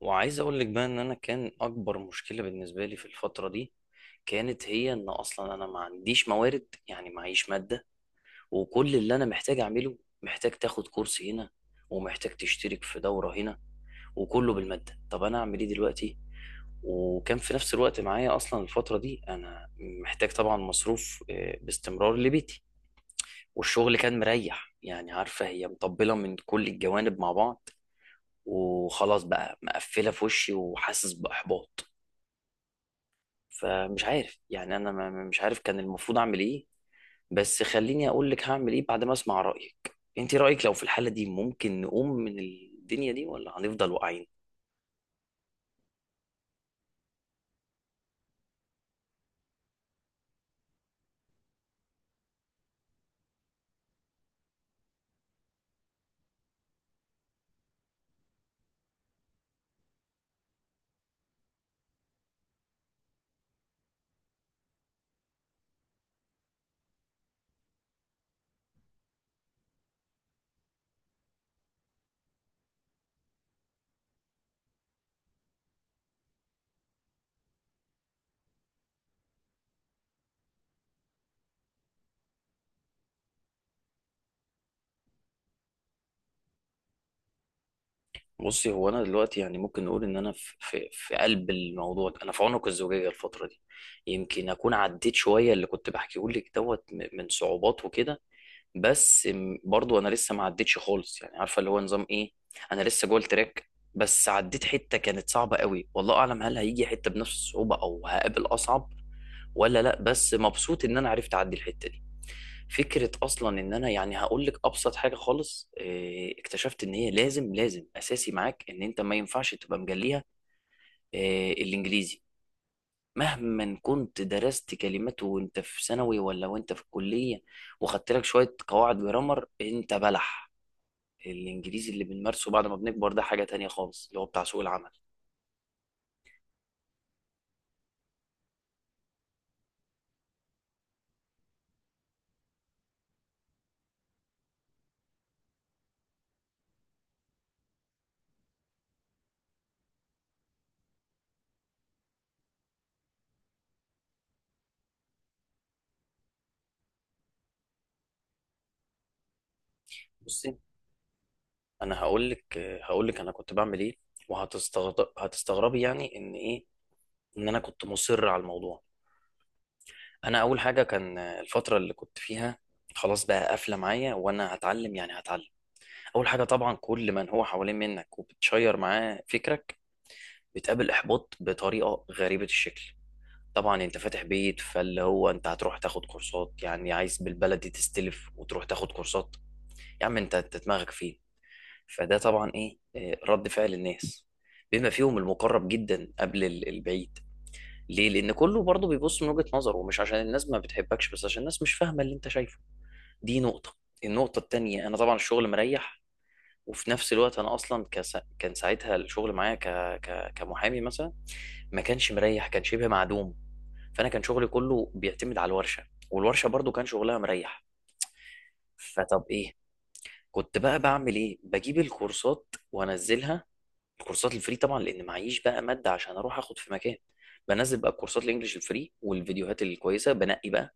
وعايز اقول لك بقى ان انا كان اكبر مشكله بالنسبه لي في الفتره دي كانت هي ان اصلا انا ما عنديش موارد، معيش ماده. وكل اللي انا محتاج اعمله، محتاج تاخد كورس هنا ومحتاج تشترك في دوره هنا، وكله بالماده. طب انا اعمل ايه دلوقتي؟ وكان في نفس الوقت معايا اصلا الفتره دي، انا محتاج طبعا مصروف باستمرار لبيتي، والشغل كان مريح، عارفه هي مطبله من كل الجوانب مع بعض. وخلاص بقى مقفله في وشي وحاسس باحباط. فمش عارف، يعني انا ما- مش عارف كان المفروض اعمل ايه. بس خليني اقول لك هعمل ايه بعد ما اسمع رايك. انت رايك لو في الحاله دي ممكن نقوم من الدنيا دي ولا هنفضل واقعين؟ بصي، هو انا دلوقتي يعني ممكن نقول ان انا في قلب الموضوع ده، انا في عنق الزجاجه الفتره دي. يمكن اكون عديت شويه اللي كنت بحكيه لك دوت من صعوبات وكده، بس برضو انا لسه ما عدتش خالص. يعني عارفه اللي هو نظام ايه، انا لسه جوه التراك، بس عديت حته كانت صعبه قوي، والله اعلم هل هيجي حته بنفس الصعوبه او هقابل اصعب ولا لا. بس مبسوط ان انا عرفت اعدي الحته دي. فكره اصلا ان انا يعني هقول لك ابسط حاجه خالص، اكتشفت ان هي لازم، لازم اساسي معاك، ان انت ما ينفعش تبقى مجليها، الانجليزي. مهما كنت درست كلمات وانت في ثانوي ولا وانت في الكلية وخدت لك شوية قواعد جرامر، انت بلح. الانجليزي اللي بنمارسه بعد ما بنكبر، ده حاجة تانية خالص، اللي هو بتاع سوق العمل. بصي انا هقول لك، هقول لك انا كنت بعمل ايه، وهتستغرب، هتستغربي يعني ان ايه، ان انا كنت مصر على الموضوع. انا اول حاجة، كان الفترة اللي كنت فيها خلاص بقى قافلة معايا، وانا هتعلم هتعلم. اول حاجة، طبعا كل من هو حوالين منك وبتشير معاه فكرك، بتقابل احباط بطريقه غريبه الشكل. طبعا انت فاتح بيت، فاللي هو انت هتروح تاخد كورسات، يعني عايز بالبلدي تستلف وتروح تاخد كورسات؟ يا عم انت، دماغك فين؟ فده طبعا ايه، رد فعل الناس، بما فيهم المقرب جدا قبل البعيد. ليه؟ لان كله برضه بيبص من وجهة نظره، ومش عشان الناس ما بتحبكش، بس عشان الناس مش فاهمه اللي انت شايفه. دي نقطه. النقطه التانيه، انا طبعا الشغل مريح، وفي نفس الوقت انا اصلا كان ساعتها الشغل معايا كمحامي مثلا ما كانش مريح، كان شبه معدوم. فانا كان شغلي كله بيعتمد على الورشه، والورشه برضو كان شغلها مريح. فطب ايه كنت بقى بعمل ايه؟ بجيب الكورسات وانزلها، الكورسات الفري طبعا، لان معيش بقى ماده عشان اروح اخد في مكان. بنزل بقى الكورسات الانجليش الفري والفيديوهات الكويسه، بنقي بقى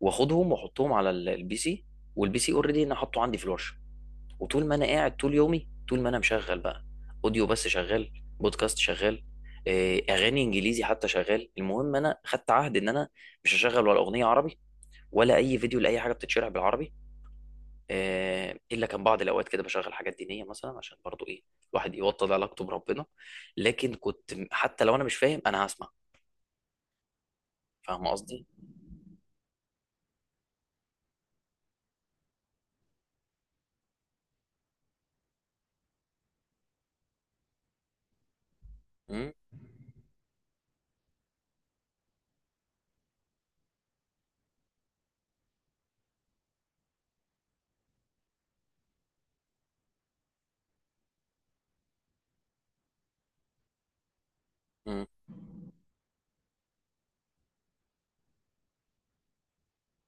واخدهم واحطهم على البي سي، والبي سي اوريدي انا حاطه عندي في الورشه. وطول ما انا قاعد طول يومي، طول ما انا مشغل بقى اوديو بس شغال، بودكاست شغال، اغاني انجليزي حتى شغال. المهم انا خدت عهد ان انا مش هشغل ولا اغنيه عربي ولا اي فيديو لاي حاجه بتتشرح بالعربي، الا كان بعض الاوقات كده بشغل حاجات دينيه مثلا، عشان برضو ايه، الواحد يوطد علاقته بربنا. لكن كنت حتى لو انا مش فاهم، انا هسمع. فاهم قصدي؟ امم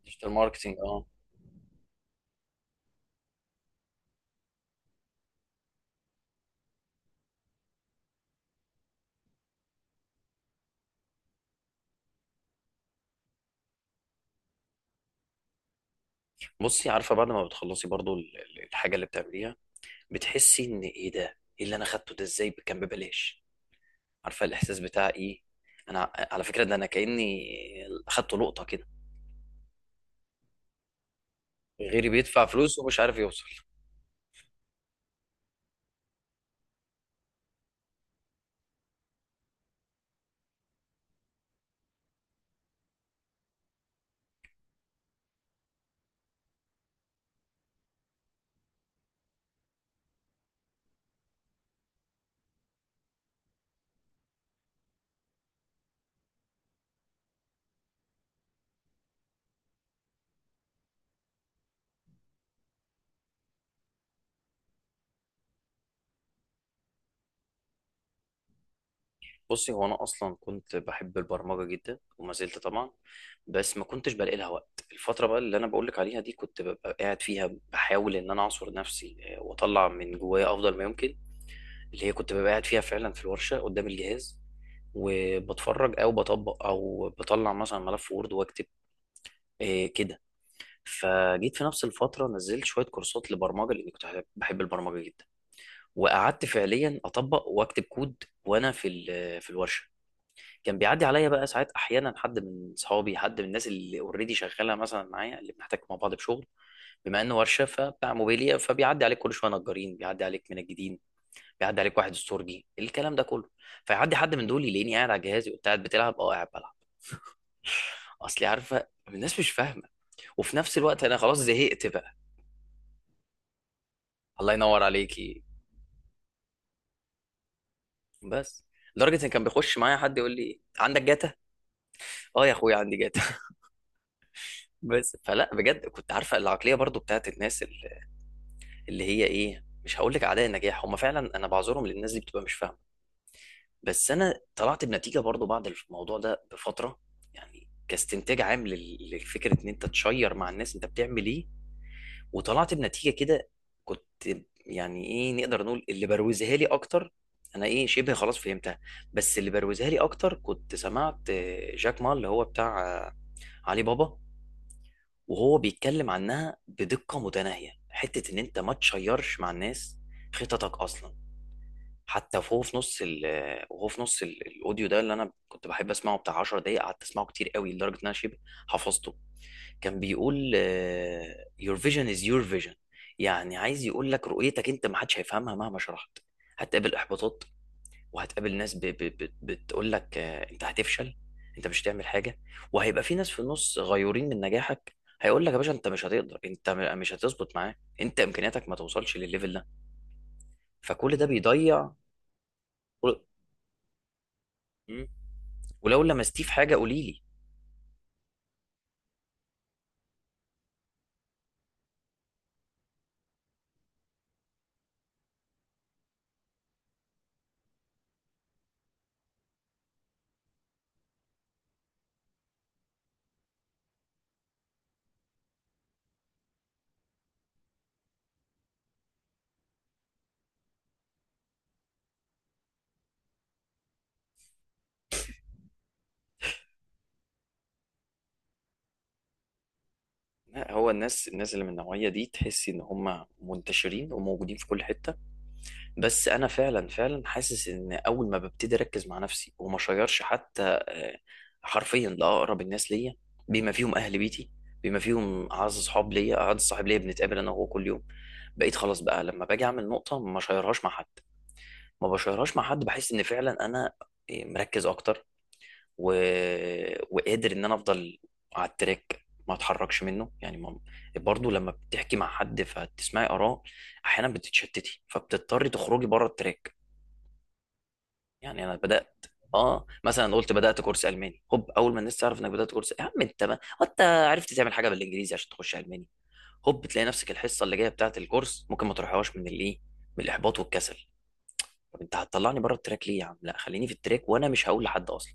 ديجيتال ماركتنج، اه. بصي، عارفه بعد ما بتخلصي برضو الحاجه اللي بتعمليها، بتحسي ان ايه ده، ايه اللي انا خدته ده، ازاي كان ببلاش؟ عارفه الاحساس بتاع ايه؟ انا على فكره، ده انا كاني اخدت لقطه كده. غيري بيدفع فلوس ومش عارف يوصل. بصي، هو انا اصلا كنت بحب البرمجه جدا، وما زلت طبعا. بس ما كنتش بلاقي لها وقت. الفتره بقى اللي انا بقول لك عليها دي كنت ببقى قاعد فيها بحاول ان انا اعصر نفسي، واطلع من جوايا افضل ما يمكن. اللي هي كنت ببقى قاعد فيها فعلا في الورشه قدام الجهاز، وبتفرج او بطبق او بطلع مثلا ملف وورد واكتب، كده. فجيت في نفس الفترة نزلت شوية كورسات لبرمجة، لأني كنت بحب البرمجة جدا. وقعدت فعليا أطبق وأكتب كود وأنا في الورشة. كان بيعدي عليا بقى ساعات، أحيانا حد من صحابي، حد من الناس اللي اوريدي شغالة مثلا معايا، اللي بنحتاج مع بعض بشغل. بما إنه ورشة فبتاع موبيليا، فبيعدي عليك كل شوية نجارين، بيعدي عليك منجدين، بيعدي عليك واحد استورجي، الكلام ده كله. فيعدي حد من دول يلاقيني قاعد على جهازي وقلت: قاعد بتلعب؟ أه قاعد بلعب. أصلي عارفة الناس مش فاهمة، وفي نفس الوقت أنا خلاص زهقت بقى. الله ينور عليكي. بس لدرجه ان كان بيخش معايا حد يقول لي: عندك جاتا؟ اه يا اخويا عندي جاتا. بس، فلا بجد، كنت عارفه العقليه برضو بتاعت الناس اللي هي ايه، مش هقول لك اعداء النجاح، هم فعلا انا بعذرهم، للناس دي بتبقى مش فاهمه. بس انا طلعت بنتيجه برضو بعد الموضوع ده بفتره، يعني كاستنتاج عام للفكره، ان انت تشير مع الناس انت بتعمل ايه. وطلعت بنتيجه كده، كنت يعني ايه نقدر نقول، اللي بروزها لي اكتر. انا ايه شبه خلاص فهمتها، بس اللي بروزها لي اكتر كنت سمعت، جاك ما، اللي هو بتاع علي بابا، وهو بيتكلم عنها بدقه متناهيه، حته ان انت ما تشيرش مع الناس خططك اصلا. حتى وهو في نص ال آه، وهو في نص الاوديو ده، اللي انا كنت بحب اسمعه بتاع 10 دقايق، قعدت اسمعه كتير قوي لدرجه ان انا شبه حفظته. كان بيقول your vision is your vision. يعني عايز يقول لك رؤيتك انت ما حدش هيفهمها مهما شرحت. هتقابل احباطات، وهتقابل ناس بتقول لك انت هتفشل، انت مش هتعمل حاجه. وهيبقى في ناس في النص غيورين من نجاحك، هيقول لك: يا باشا انت مش هتقدر، انت مش هتظبط معاه، انت امكانياتك ما توصلش للليفل ده. فكل ده بيضيع. قول- مم. ولو لمستيه في حاجه قولي لي. لا، هو الناس، الناس اللي من النوعيه دي، تحس ان هم منتشرين وموجودين في كل حته. بس انا فعلا حاسس ان اول ما ببتدي اركز مع نفسي وما اشيرش حتى، آه، حرفيا لاقرب الناس ليا، بما فيهم اهل بيتي، بما فيهم اعز صحاب ليا، اعز صاحب ليا بنتقابل انا وهو كل يوم، بقيت خلاص بقى لما باجي اعمل نقطه ما اشيرهاش مع حد. ما بشيرهاش مع حد، بحس ان فعلا انا، مركز اكتر، و... وقادر ان انا افضل على التراك ما اتحركش منه، يعني ما... برضه لما بتحكي مع حد فتسمعي اراء، احيانا بتتشتتي فبتضطري تخرجي بره التراك. يعني انا بدات، اه مثلا، قلت بدات كورس الماني، هوب اول ما الناس تعرف انك بدات كورس: يا عم انت، ما انت عرفت تعمل حاجه بالانجليزي عشان تخش الماني؟ هوب تلاقي نفسك الحصه اللي جايه بتاعه الكورس ممكن ما تروحهاش من الايه، من الاحباط والكسل. طب انت هتطلعني بره التراك ليه يا عم؟ لا خليني في التراك، وانا مش هقول لحد اصلا.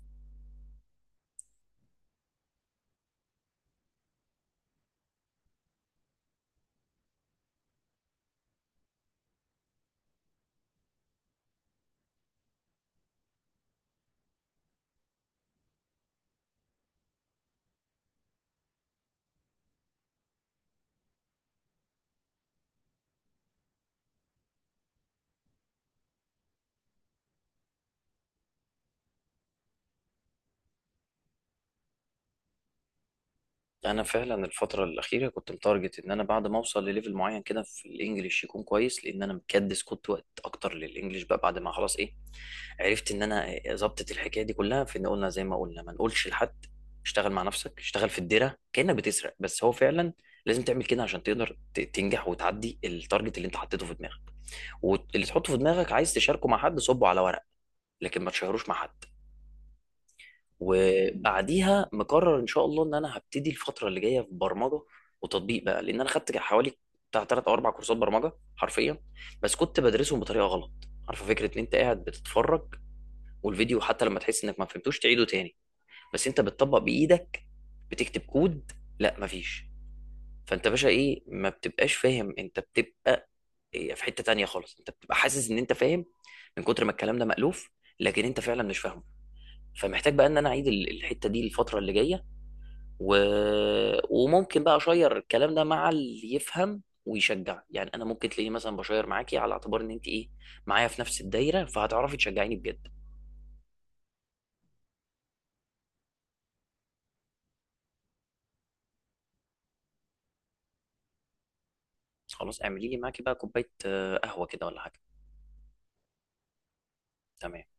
انا فعلا الفتره الاخيره كنت متارجت ان انا بعد ما اوصل لليفل معين كده في الانجليش يكون كويس، لان انا مكدس كنت وقت اكتر للانجليش بقى. بعد ما خلاص ايه، عرفت ان انا ظبطت الحكايه دي كلها في ان قلنا زي ما قلنا، ما نقولش لحد. اشتغل مع نفسك، اشتغل في الديره كانك بتسرق. بس هو فعلا لازم تعمل كده عشان تقدر تنجح وتعدي التارجت اللي انت حطيته في دماغك. واللي تحطه في دماغك عايز تشاركه مع حد، صبه على ورق، لكن ما تشيروش مع حد. وبعديها مقرر ان شاء الله ان انا هبتدي الفتره اللي جايه في برمجه وتطبيق بقى، لان انا خدت حوالي بتاع 3 او 4 كورسات برمجه حرفيا، بس كنت بدرسهم بطريقه غلط. عارفه فكره ان انت قاعد بتتفرج، والفيديو حتى لما تحس انك ما فهمتوش تعيده تاني، بس انت بتطبق بايدك، بتكتب كود؟ لا مفيش. فانت باشا ايه، ما بتبقاش فاهم، انت بتبقى في حته تانيه خالص، انت بتبقى حاسس ان انت فاهم من كتر ما الكلام ده مألوف، لكن انت فعلا مش فاهمه. فمحتاج بقى ان انا اعيد الحته دي الفتره اللي جايه، و... وممكن بقى اشير الكلام ده مع اللي يفهم ويشجع. يعني انا ممكن تلاقيني مثلا بشير معاكي على اعتبار ان انت ايه، معايا في نفس الدايره، فهتعرفي تشجعيني بجد. خلاص اعملي لي معاكي بقى كوبايه قهوه كده ولا حاجه. تمام.